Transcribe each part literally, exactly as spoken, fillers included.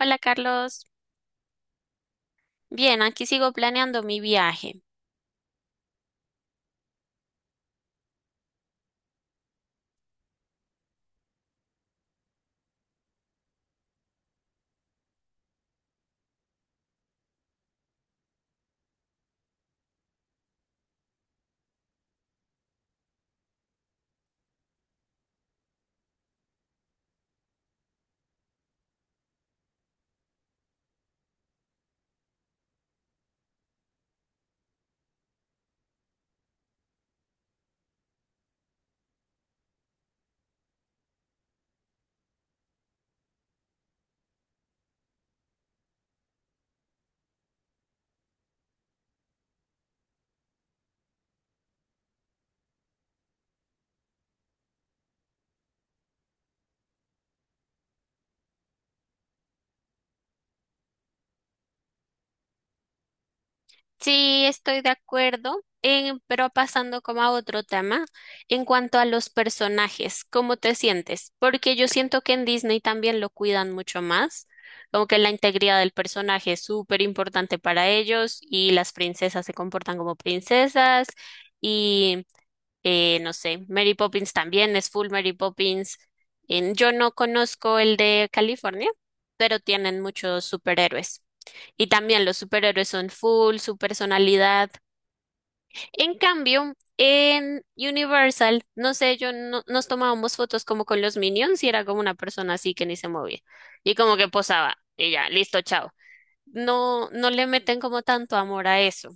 Hola Carlos. Bien, aquí sigo planeando mi viaje. Sí, estoy de acuerdo, en- pero pasando como a otro tema, en cuanto a los personajes, ¿cómo te sientes? Porque yo siento que en Disney también lo cuidan mucho más, como que la integridad del personaje es súper importante para ellos y las princesas se comportan como princesas, eh, no sé, Mary Poppins también es full Mary Poppins. En- yo no conozco el de California, pero tienen muchos superhéroes. Y también los superhéroes son full, su personalidad. En cambio, en Universal, no sé, yo no, nos tomábamos fotos como con los Minions y era como una persona así que ni se movía. Y como que posaba y ya, listo, chao. No, no le meten como tanto amor a eso.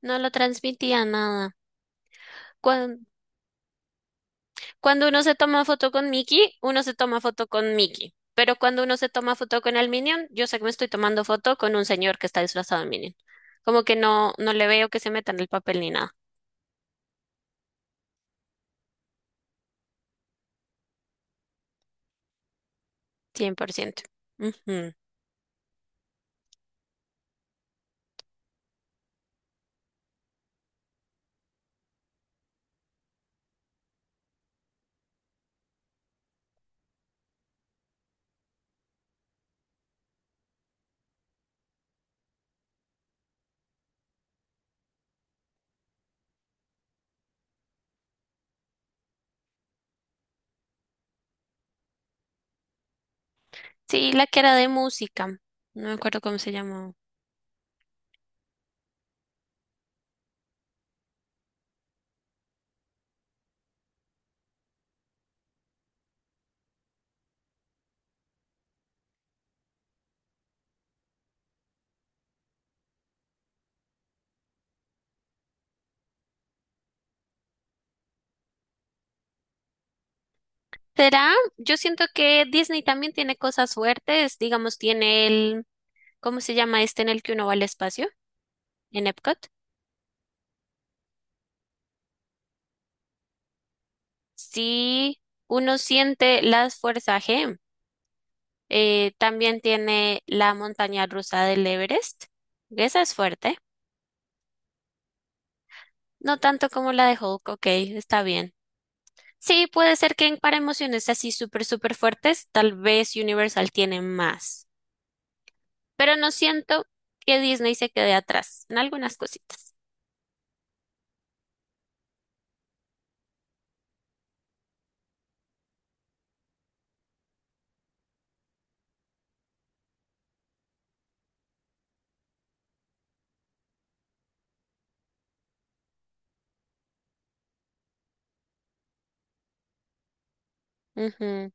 No lo transmitía nada. Cuando uno se toma foto con Mickey, uno se toma foto con Mickey. Pero cuando uno se toma foto con el Minion, yo sé que me estoy tomando foto con un señor que está disfrazado de Minion. Como que no, no le veo que se meta en el papel ni nada. cien por ciento. Ujú. Sí, la que era de música. No me acuerdo cómo se llamó. ¿Será? Yo siento que Disney también tiene cosas fuertes. Digamos, tiene el... ¿Cómo se llama este en el que uno va al espacio? En Epcot. Sí, uno siente las fuerzas G. Eh, también tiene la montaña rusa del Everest. Esa es fuerte. No tanto como la de Hulk, ok, está bien. Sí, puede ser que en- para emociones así súper, súper fuertes, tal vez Universal tiene más. Pero no siento que Disney se quede atrás en algunas cositas. Ujú.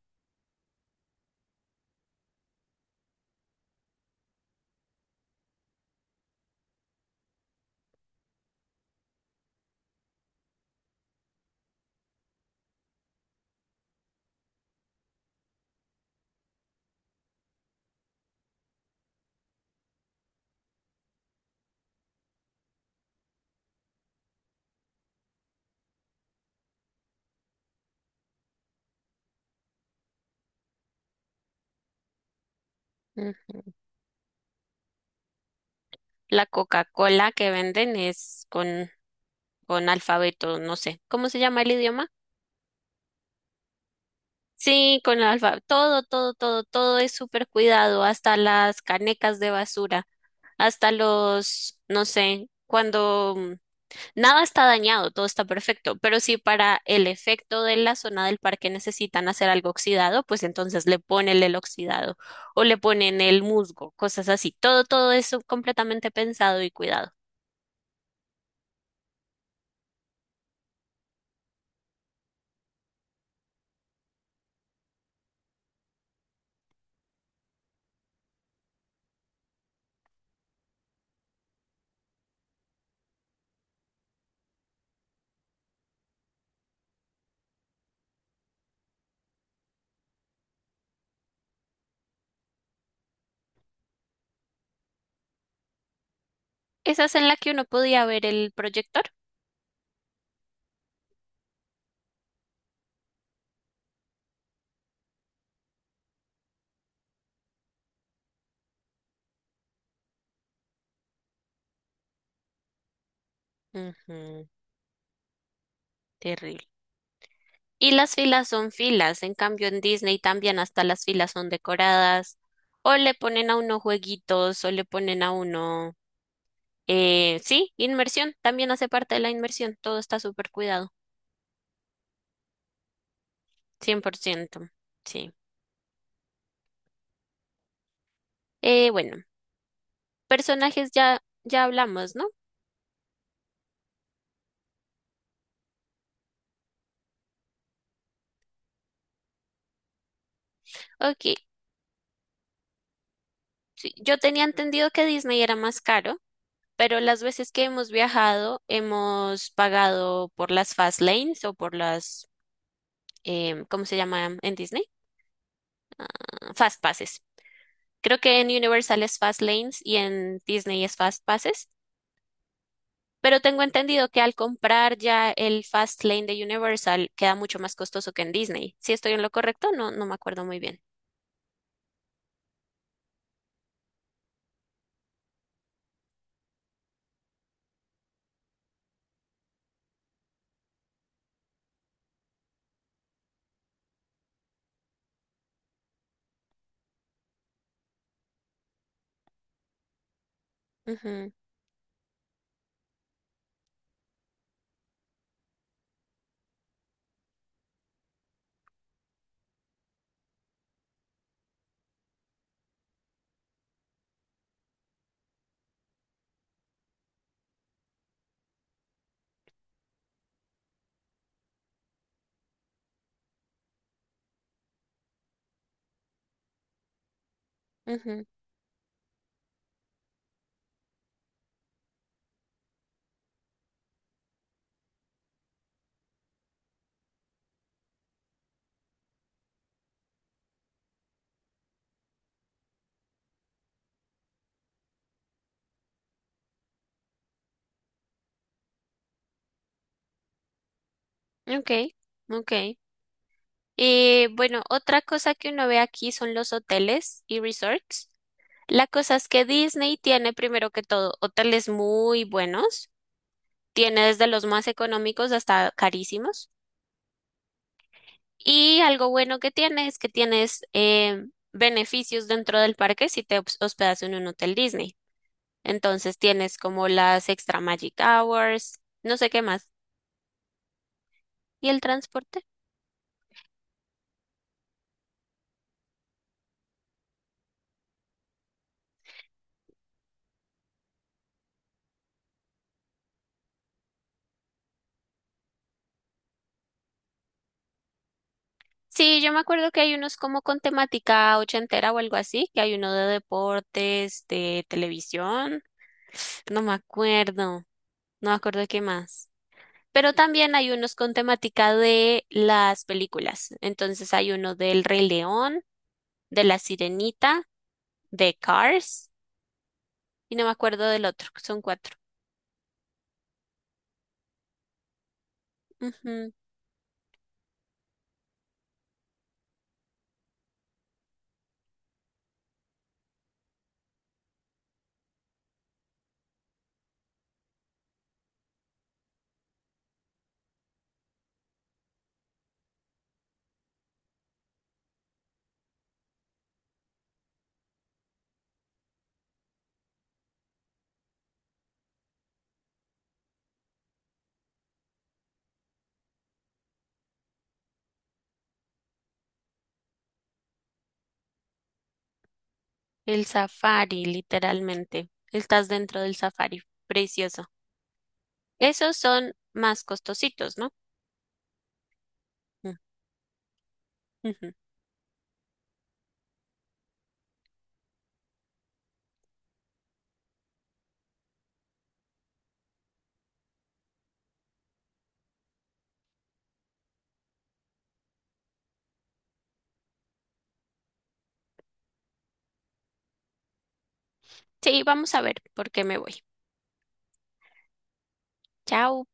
Mm. La Coca-Cola que venden es con, con alfabeto, no sé. ¿Cómo se llama el idioma? Sí, con el alfabeto. Todo, todo, todo, todo es súper cuidado, hasta las canecas de basura, hasta los, no sé, cuando mm, nada está dañado, todo está perfecto, pero si para el efecto de la zona del parque necesitan hacer algo oxidado, pues entonces le ponen el oxidado o le ponen el musgo, cosas así, todo, todo eso completamente pensado y cuidado. Esas en la que uno podía ver el proyector. Ujú, terrible. Y las filas son filas, en cambio en Disney también hasta las filas son decoradas, o le ponen a uno jueguitos, o le ponen a uno, eh, sí, inmersión, también hace parte de la inmersión, todo está súper cuidado. Cien por ciento, sí. Eh, bueno, personajes ya, ya hablamos, ¿no? Ok, sí, yo tenía entendido que Disney era más caro, pero las veces que hemos viajado hemos pagado por las fast lanes o por las, em, ¿cómo se llama en Disney? Ah, Fast passes. Creo que en Universal es fast lanes y en Disney es fast passes. Pero tengo entendido que al comprar ya el Fast Lane de Universal queda mucho más costoso que en Disney. Si estoy en lo correcto, no, no me acuerdo muy bien. Ujú, ujú. Ok, ok. Y bueno, otra cosa que uno ve aquí son los hoteles y resorts. La cosa es que Disney tiene primero que todo hoteles muy buenos. Tiene desde los más económicos hasta carísimos. Y algo bueno que tiene es que tienes, eh, beneficios dentro del parque si te hos- hospedas en un hotel Disney. Entonces tienes como las extra magic hours, no sé qué más. ¿Y el transporte? Sí, yo me acuerdo que hay unos como con temática ochentera o algo así, que hay uno de deportes, de televisión, no me acuerdo, no me acuerdo qué más. Pero también hay unos con temática de las películas. Entonces hay uno del Rey León, de La Sirenita, de Cars, y no me acuerdo del otro, que son cuatro. Ujú. El safari, literalmente. Estás dentro del safari. Precioso. Esos son más costositos, ¿no? Mm, ujú. Sí, vamos a ver por qué me voy. Chao.